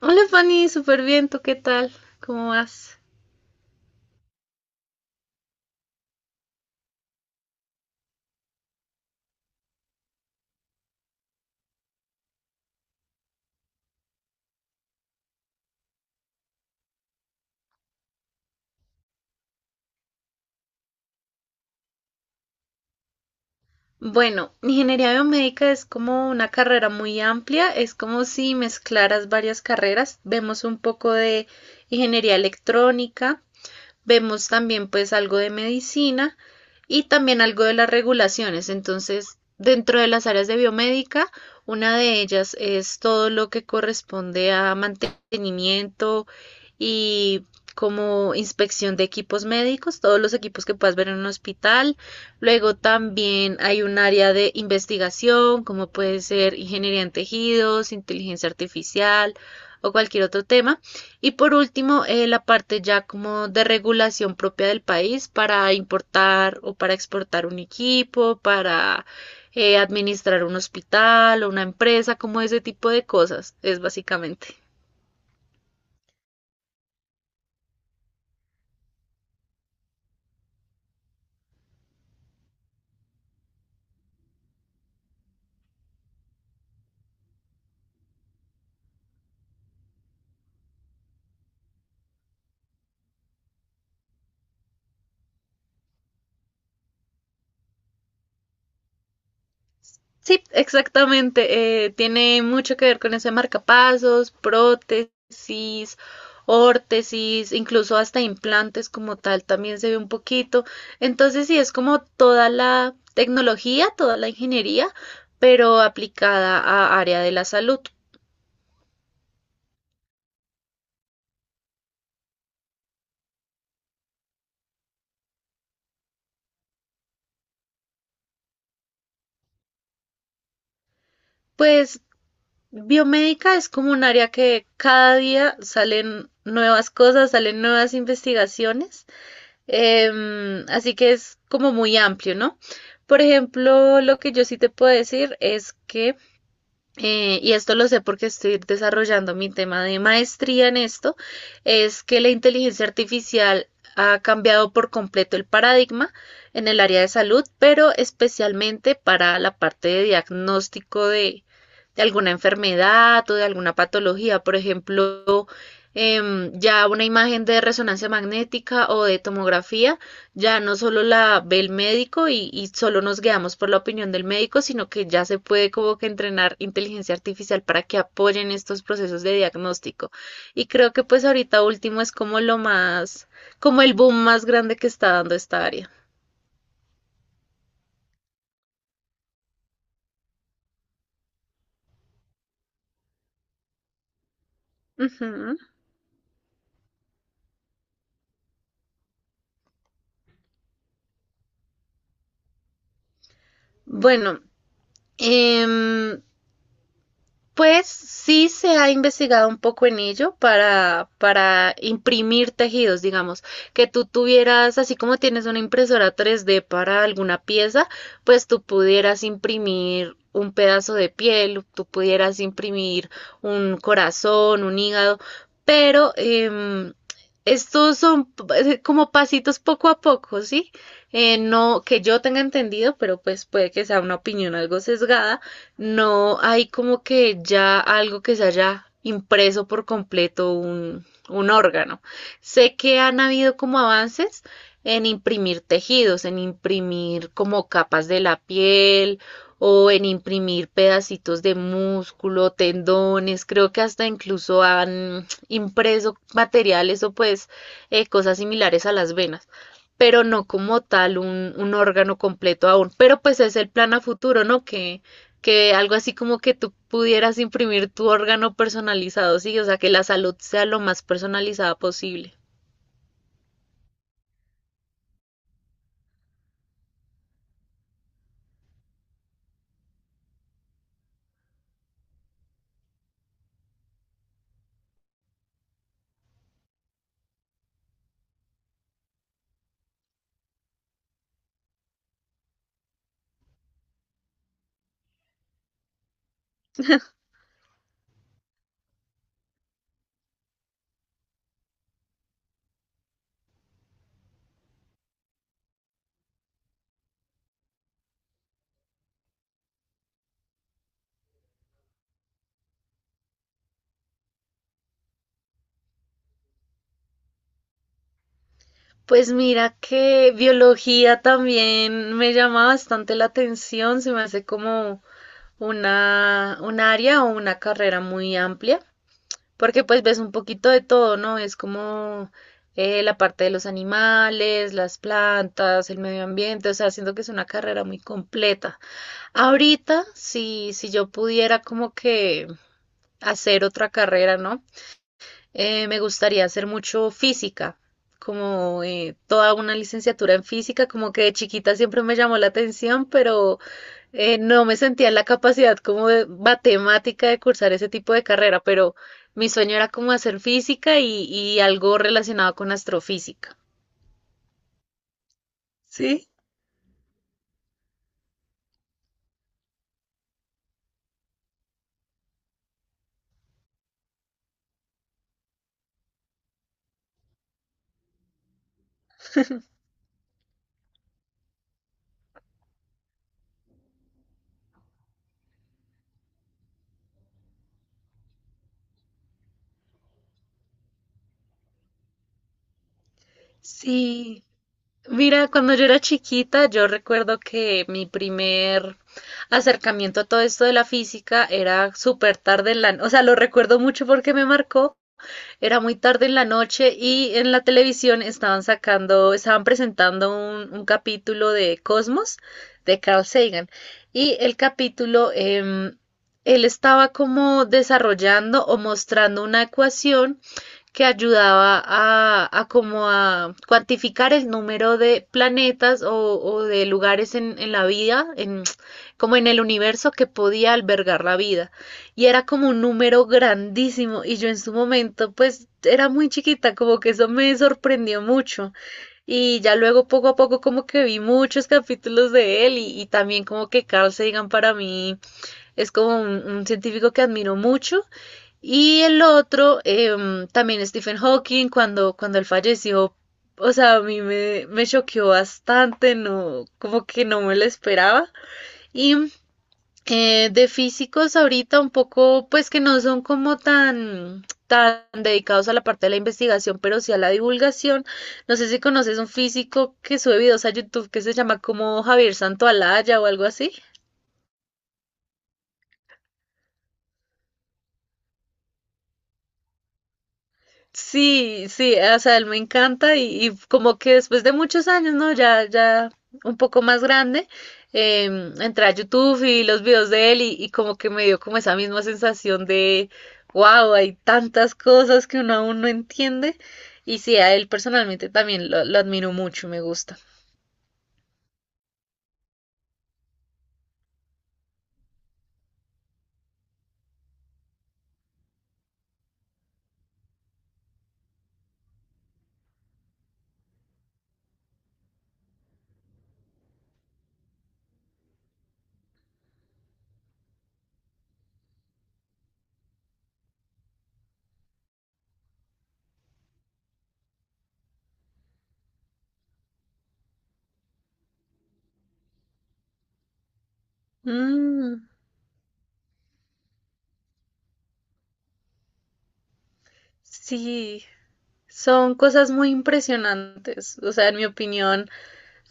Hola Fanny, súper bien, ¿tú qué tal? ¿Cómo vas? Bueno, ingeniería biomédica es como una carrera muy amplia, es como si mezclaras varias carreras. Vemos un poco de ingeniería electrónica, vemos también pues algo de medicina y también algo de las regulaciones. Entonces, dentro de las áreas de biomédica, una de ellas es todo lo que corresponde a mantenimiento y como inspección de equipos médicos, todos los equipos que puedas ver en un hospital. Luego también hay un área de investigación, como puede ser ingeniería en tejidos, inteligencia artificial o cualquier otro tema. Y por último, la parte ya como de regulación propia del país para importar o para exportar un equipo, para administrar un hospital o una empresa, como ese tipo de cosas, es básicamente. Sí, exactamente. Tiene mucho que ver con eso de marcapasos, prótesis, órtesis, incluso hasta implantes como tal también se ve un poquito. Entonces sí, es como toda la tecnología, toda la ingeniería, pero aplicada a área de la salud. Pues biomédica es como un área que cada día salen nuevas cosas, salen nuevas investigaciones. Así que es como muy amplio, ¿no? Por ejemplo, lo que yo sí te puedo decir es que, y esto lo sé porque estoy desarrollando mi tema de maestría en esto, es que la inteligencia artificial ha cambiado por completo el paradigma en el área de salud, pero especialmente para la parte de diagnóstico de alguna enfermedad o de alguna patología. Por ejemplo, ya una imagen de resonancia magnética o de tomografía ya no solo la ve el médico y solo nos guiamos por la opinión del médico, sino que ya se puede como que entrenar inteligencia artificial para que apoyen estos procesos de diagnóstico. Y creo que pues ahorita último es como lo más, como el boom más grande que está dando esta área. Ujú. Bueno, em, pues sí se ha investigado un poco en ello para imprimir tejidos, digamos, que tú tuvieras, así como tienes una impresora 3D para alguna pieza, pues tú pudieras imprimir un pedazo de piel, tú pudieras imprimir un corazón, un hígado, pero estos son como pasitos poco a poco, ¿sí? No que yo tenga entendido, pero pues puede que sea una opinión algo sesgada, no hay como que ya algo que se haya impreso por completo un órgano. Sé que han habido como avances en imprimir tejidos, en imprimir como capas de la piel o en imprimir pedacitos de músculo, tendones, creo que hasta incluso han impreso materiales o pues cosas similares a las venas, pero no como tal un órgano completo aún. Pero pues es el plan a futuro, ¿no? Que algo así como que tú pudieras imprimir tu órgano personalizado, sí, o sea, que la salud sea lo más personalizada posible. Pues mira que biología también me llama bastante la atención, se me hace como un área o una carrera muy amplia, porque pues ves un poquito de todo, ¿no? Es como la parte de los animales, las plantas, el medio ambiente, o sea, siento que es una carrera muy completa. Ahorita, si yo pudiera como que hacer otra carrera, ¿no? Me gustaría hacer mucho física, como toda una licenciatura en física, como que de chiquita siempre me llamó la atención, pero no me sentía en la capacidad como de matemática de cursar ese tipo de carrera, pero mi sueño era como hacer física y algo relacionado con astrofísica. ¿Sí? Sí, mira, cuando yo era chiquita, yo recuerdo que mi primer acercamiento a todo esto de la física era súper tarde en la, o sea, lo recuerdo mucho porque me marcó, era muy tarde en la noche y en la televisión estaban sacando, estaban presentando un capítulo de Cosmos de Carl Sagan y el capítulo, él estaba como desarrollando o mostrando una ecuación que ayudaba a como a cuantificar el número de planetas o de lugares en la vida, en, como en el universo que podía albergar la vida. Y era como un número grandísimo y yo en su momento pues era muy chiquita, como que eso me sorprendió mucho. Y ya luego poco a poco como que vi muchos capítulos de él y también como que Carl Sagan para mí es como un científico que admiro mucho y el otro, también Stephen Hawking, cuando él falleció, o sea, a mí me choqueó bastante, no, como que no me lo esperaba. Y de físicos ahorita un poco, pues que no son como tan dedicados a la parte de la investigación, pero sí a la divulgación. No sé si conoces un físico que sube videos a YouTube que se llama como Javier Santoalaya o algo así. Sí, sí, o sea, él me encanta y como que después de muchos años, ¿no? Ya un poco más grande, entré a YouTube y los videos de él y como que me dio como esa misma sensación de, wow, hay tantas cosas que uno aún no entiende. Y sí, a él personalmente también lo admiro mucho, me gusta. Mm, sí, son cosas muy impresionantes. O sea, en mi opinión,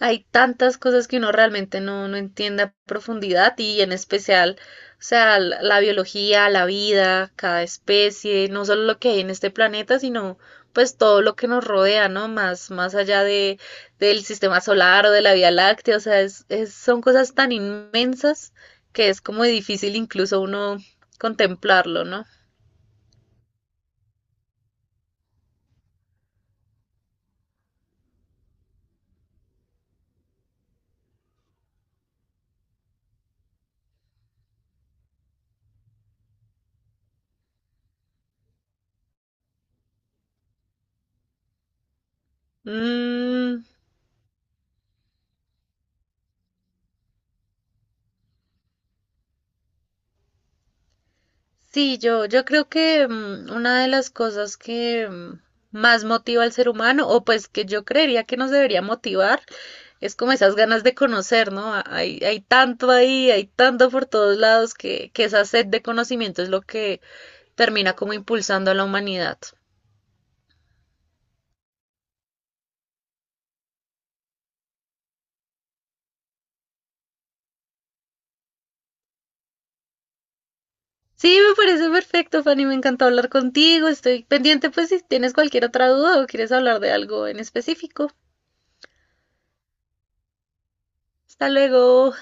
hay tantas cosas que uno realmente no entiende a profundidad y en especial, o sea, la biología, la vida, cada especie, no solo lo que hay en este planeta, sino pues todo lo que nos rodea, ¿no? Más allá del sistema solar o de la Vía Láctea, o sea, son cosas tan inmensas que es como difícil incluso uno contemplarlo, ¿no? Mm, sí, yo creo que una de las cosas que más motiva al ser humano, o pues que yo creería que nos debería motivar, es como esas ganas de conocer, ¿no? Hay, hay tanto ahí, hay tanto por todos lados que esa sed de conocimiento es lo que termina como impulsando a la humanidad. Sí, me parece perfecto, Fanny, me encantó hablar contigo. Estoy pendiente, pues, si tienes cualquier otra duda o quieres hablar de algo en específico. Hasta luego.